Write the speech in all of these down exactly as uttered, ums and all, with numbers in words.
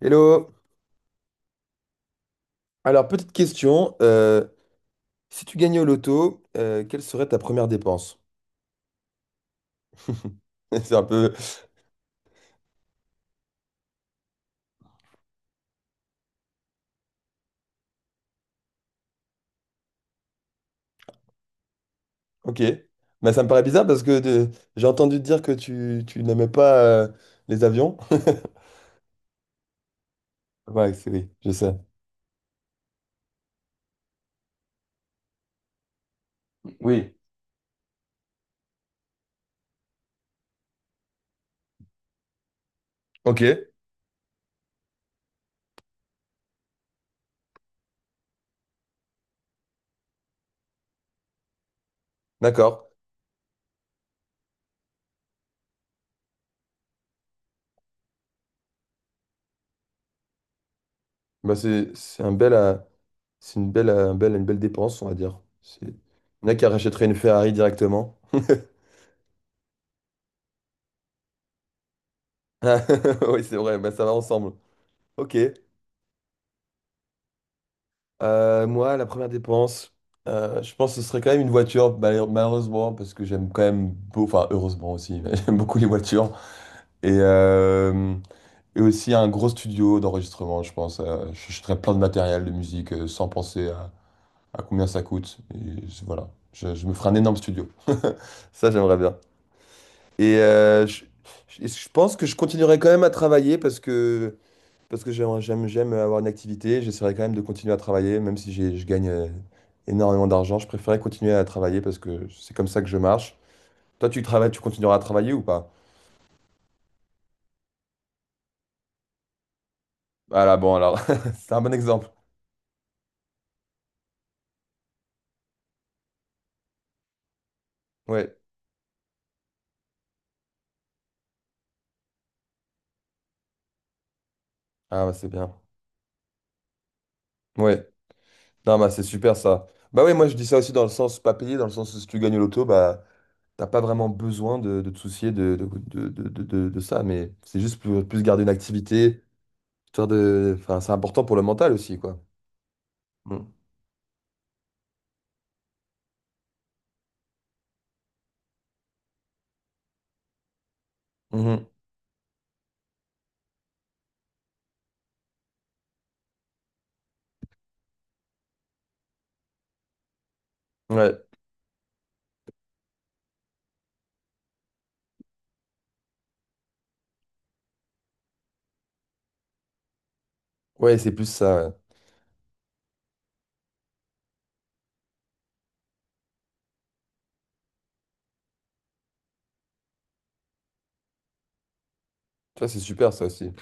Hello. Alors, petite question. Euh, si tu gagnais au loto, euh, quelle serait ta première dépense? C'est un peu... Ok. Bah, ça me paraît bizarre parce que de- j'ai entendu dire que tu, tu n'aimais pas euh, les avions. Ouais, c'est oui, je sais. Oui. Ok, d'accord. Bah, c'est c'est un bel, euh, c'est une belle, euh, un bel- une belle dépense, on va dire. C'est- Il y en a qui rachèteraient une Ferrari directement. Ah, oui, c'est vrai, bah, ça va ensemble. Ok. Euh, moi, la première dépense, euh, je pense que ce serait quand même une voiture, mal- malheureusement, parce que j'aime quand même, beau- enfin heureusement aussi, j'aime beaucoup les voitures. Et, euh, et aussi un gros studio d'enregistrement, je pense. Euh, je J'achèterais plein de matériel de musique euh, sans penser à, à combien ça coûte. Et je- voilà, je, je me ferais un énorme studio. Ça, j'aimerais bien. Et euh, je, je- je pense que je continuerai quand même à travailler parce que parce que j'aime, j'aime j'aime avoir une activité, j'essaierai quand même de continuer à travailler, même si j'ai- je gagne euh, énormément d'argent, je préférerais continuer à travailler parce que c'est comme ça que je marche. Toi, tu travailles, tu continueras à travailler ou pas? Ah là, bon, alors, c'est un bon exemple. Ouais. Ah, bah, c'est bien. Ouais. Non, bah, c'est super ça. Bah oui, moi, je dis ça aussi dans le sens pas payé, dans le sens où si tu gagnes au loto, bah, t'as pas vraiment besoin de, de te soucier de, de, de, de, de- de- de ça, mais c'est juste plus, plus garder une activité, histoire de. Enfin, c'est important pour le mental aussi, quoi. Mm. Mhm. Ouais. Ouais, c'est plus ça. Ouais. Tu vois, c'est super ça aussi.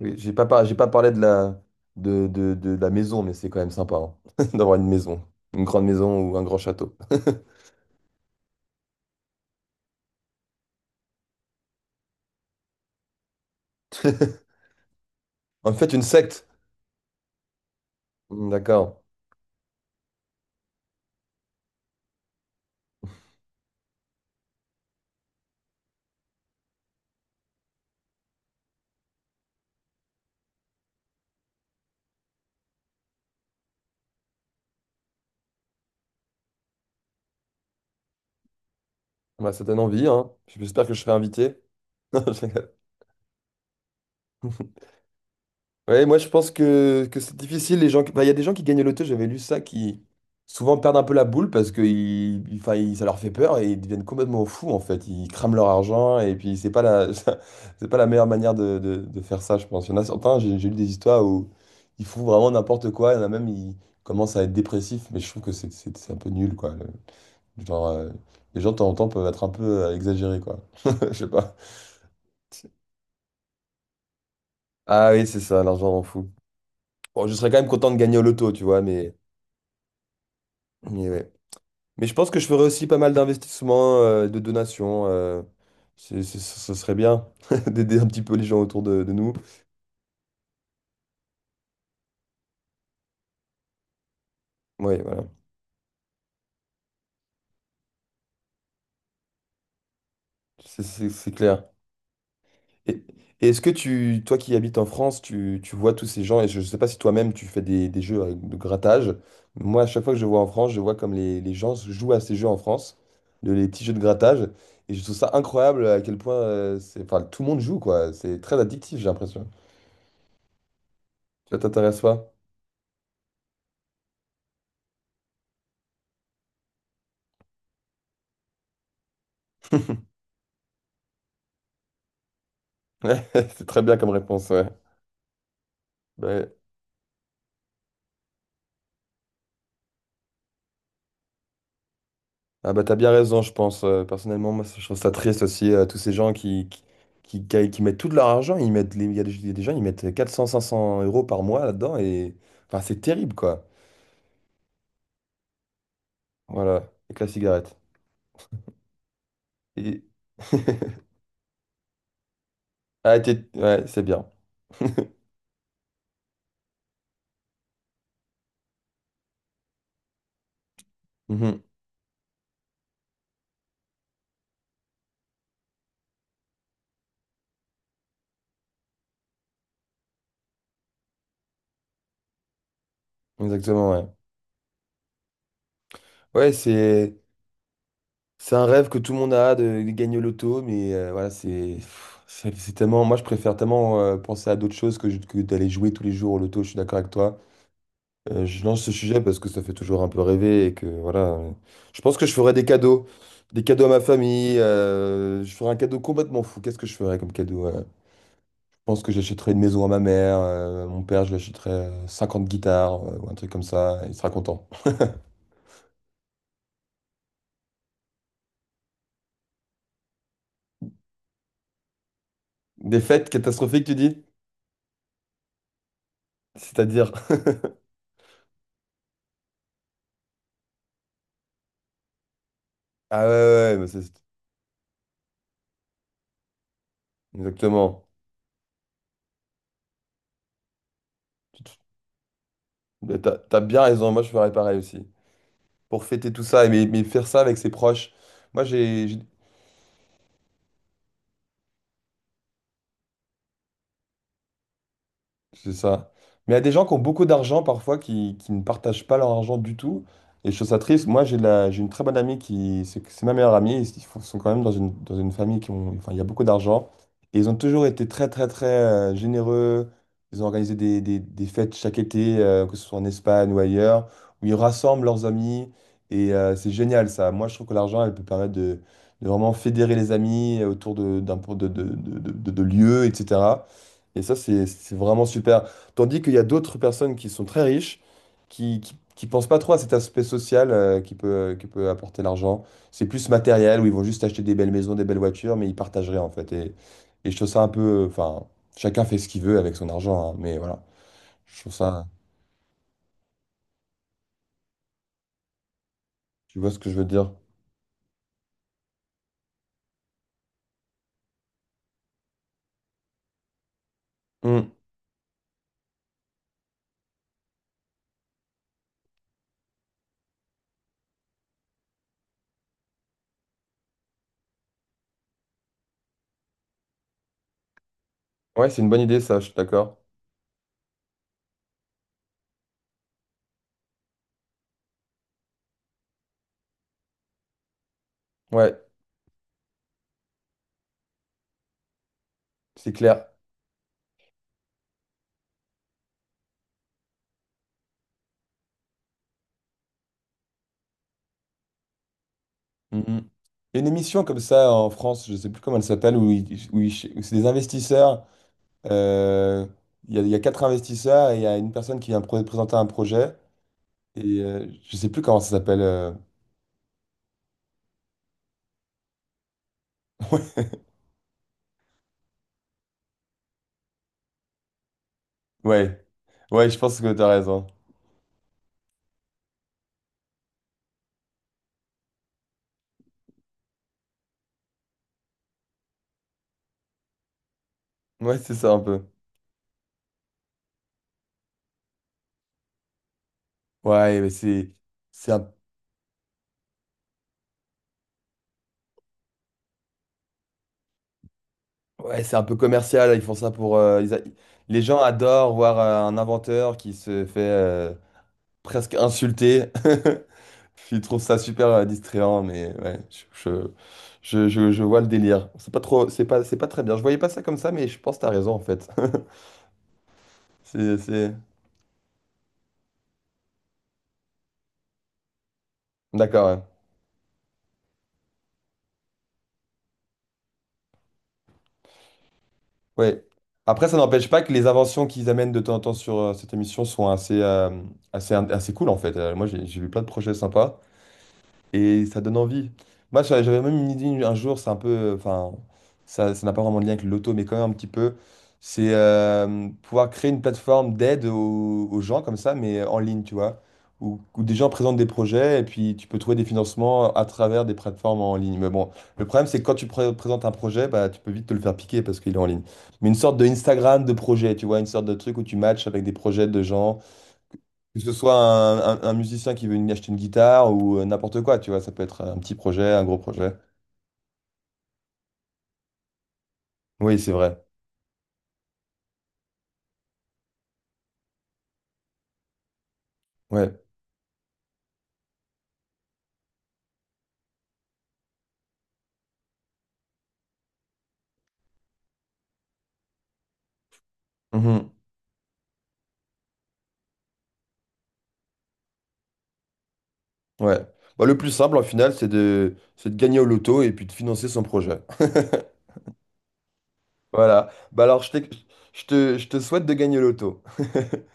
Oui, j'ai pas par- j'ai pas parlé de la de, de, de la maison, mais c'est quand même sympa hein, d'avoir une maison, une grande maison ou un grand château. En fait, une secte. Hmm, d'accord. Bah, ça donne envie, hein. J'espère que je serai invité. Non, je rigole. Ouais, moi je pense que, que c'est difficile. Les gens, qui- enfin, il y a des gens qui gagnent au loto, j'avais lu ça, qui souvent perdent un peu la boule parce que ils, ils- enfin, ils- ça leur fait peur et ils deviennent complètement fous en fait. Ils crament leur argent et puis c'est pas la, c'est pas la meilleure manière de, de- de faire ça, je pense. Il y en a certains, j'ai j'ai lu des histoires où ils font vraiment n'importe quoi. Il y en a même, ils commencent à être dépressifs, mais je trouve que c'est c'est- c'est un peu nul quoi. Le- genre, euh, les gens de temps en temps peuvent être un peu euh, exagérés quoi. Je sais pas. Ah oui, c'est ça, l'argent rend fou. Bon, je serais quand même content de gagner au loto, tu vois, mais. Mais ouais. Mais je pense que je ferais aussi pas mal d'investissements, euh, de donations. Euh, c'est, c'est- ce ce serait bien d'aider un petit peu les gens autour de, de nous. Oui, voilà, c'est c'est- c'est clair. Et, et est-ce que tu, toi qui habites en France, tu, tu vois tous ces gens, et je ne sais pas si toi-même tu fais des, des jeux avec- de grattage. Moi, à chaque fois que je vois en France, je vois comme les, les gens jouent à ces jeux en France, de, les petits jeux de grattage. Et je trouve ça incroyable à quel point euh, c'est, enfin, tout le monde joue, quoi. C'est très addictif, j'ai l'impression. Ça t'intéresse pas? Ouais, c'est très bien comme réponse, ouais. Ouais. Ah bah t'as bien raison, je pense. Euh, personnellement, moi, je trouve ça triste aussi, euh, tous ces gens qui, qui, qui, qui- qui mettent tout de leur argent, ils mettent, les- il y a des, il y a des gens, ils mettent quatre cents cinq cents euros par mois là-dedans, et enfin, c'est terrible, quoi. Voilà, avec la cigarette. Et... Ah, t'es- ouais, c'est bien. Mhm, exactement, ouais. Ouais, c'est c'est un rêve que tout le monde a de, de gagner au loto, mais euh, voilà, c'est pff, c'est c'est tellement. Moi, je préfère tellement euh, penser à d'autres choses que, je- que d'aller jouer tous les jours au loto, je suis d'accord avec toi. Euh, je lance ce sujet parce que ça fait toujours un peu rêver et que voilà. euh, Je pense que je ferais des cadeaux. Des cadeaux à ma famille. Euh, je ferais un cadeau complètement fou. Qu'est-ce que je ferais comme cadeau? Euh, je pense que j'achèterais une maison à ma mère. Euh, à mon père, je lui achèterais euh, cinquante guitares euh, ou un truc comme ça. Il sera content. Des fêtes catastrophiques, tu dis? C'est-à-dire. Ah ouais, ouais, ouais, mais c'est... Exactement. Tu te- mais T'as, t'as bien raison. Moi, je ferais pareil aussi. Pour fêter tout ça, et mais, mais faire ça avec ses proches. Moi, j'ai c'est ça. Mais il y a des gens qui ont beaucoup d'argent parfois qui, qui ne partagent pas leur argent du tout. Et je trouve ça triste. Moi, j'ai de la, j'ai une très bonne amie qui, c'est c'est ma meilleure amie. Ils font- sont quand même dans une, dans une famille qui ont, enfin, il y a beaucoup d'argent. Et ils ont toujours été très, très, très euh, généreux. Ils ont organisé des, des- des fêtes chaque été, euh, que ce soit en Espagne ou ailleurs, où ils rassemblent leurs amis. Et euh, c'est génial, ça. Moi, je trouve que l'argent, elle peut permettre de, de vraiment fédérer les amis autour de, d'un, de, de, de, de de- de lieux, et cetera. Et ça, c'est c'est vraiment super. Tandis qu'il y a d'autres personnes qui sont très riches, qui, qui, qui pensent pas trop à cet aspect social euh, qui peut, euh, qui peut apporter l'argent. C'est plus matériel, où ils vont juste acheter des belles maisons, des belles voitures, mais ils partagent rien, en fait. Et, et je trouve ça un peu... Enfin, chacun fait ce qu'il veut avec son argent, hein, mais voilà. Je trouve ça... Tu vois ce que je veux dire? Hmm. Ouais, c'est une bonne idée, ça, je suis d'accord. Ouais, c'est clair. Hmm, hmm. Il y a une émission comme ça en France, je sais plus comment elle s'appelle, où, ils- où ils- où c'est des investisseurs. Euh, Il y a, il y a quatre investisseurs et il y a une personne qui vient pr- présenter un projet. Et euh, je sais plus comment ça s'appelle. euh, Ouais, ouais, je pense que tu as raison. Ouais, c'est ça un peu. Ouais, mais c'est c'est un... Ouais, c'est un peu commercial. Ils font ça pour. euh, ils a- Les gens adorent voir euh, un inventeur qui se fait euh, presque insulter. Ils trouvent ça super euh, distrayant, mais ouais, je, je, je, je- je vois le délire. C'est pas trop, c'est pas, c'est pas très bien. Je voyais pas ça comme ça, mais je pense que tu raison en fait. C'est, c'est- D'accord, ouais. Ouais. Après, ça n'empêche pas que les inventions qu'ils amènent de temps en temps sur euh, cette émission sont assez, euh, assez, in- assez cool, en fait. Euh, moi, j'ai j'ai vu plein de projets sympas. Et ça donne envie. Moi, j'a- j'avais même une idée un jour, c'est un peu. euh, Enfin, ça, ça n'a pas vraiment de lien avec le loto, mais quand même un petit peu. C'est euh, pouvoir créer une plateforme d'aide aux, aux gens comme ça, mais en ligne, tu vois. Où, où des gens présentent des projets et puis tu peux trouver des financements à travers des plateformes en ligne. Mais bon, le problème, c'est que quand tu pré- présentes un projet, bah, tu peux vite te le faire piquer parce qu'il est en ligne. Mais une sorte de Instagram de projet, tu vois, une sorte de truc où tu matches avec des projets de gens que ce soit un, un- un musicien qui veut une- acheter une guitare ou euh, n'importe quoi, tu vois, ça peut être un petit projet, un gros projet. Oui, c'est vrai. Ouais. Mhm. Ouais. Bah, le plus simple, en final, c'est de, c'est de gagner au loto et puis de financer son projet. Voilà. Bah alors, je t'ai- je te, je te souhaite de gagner au loto.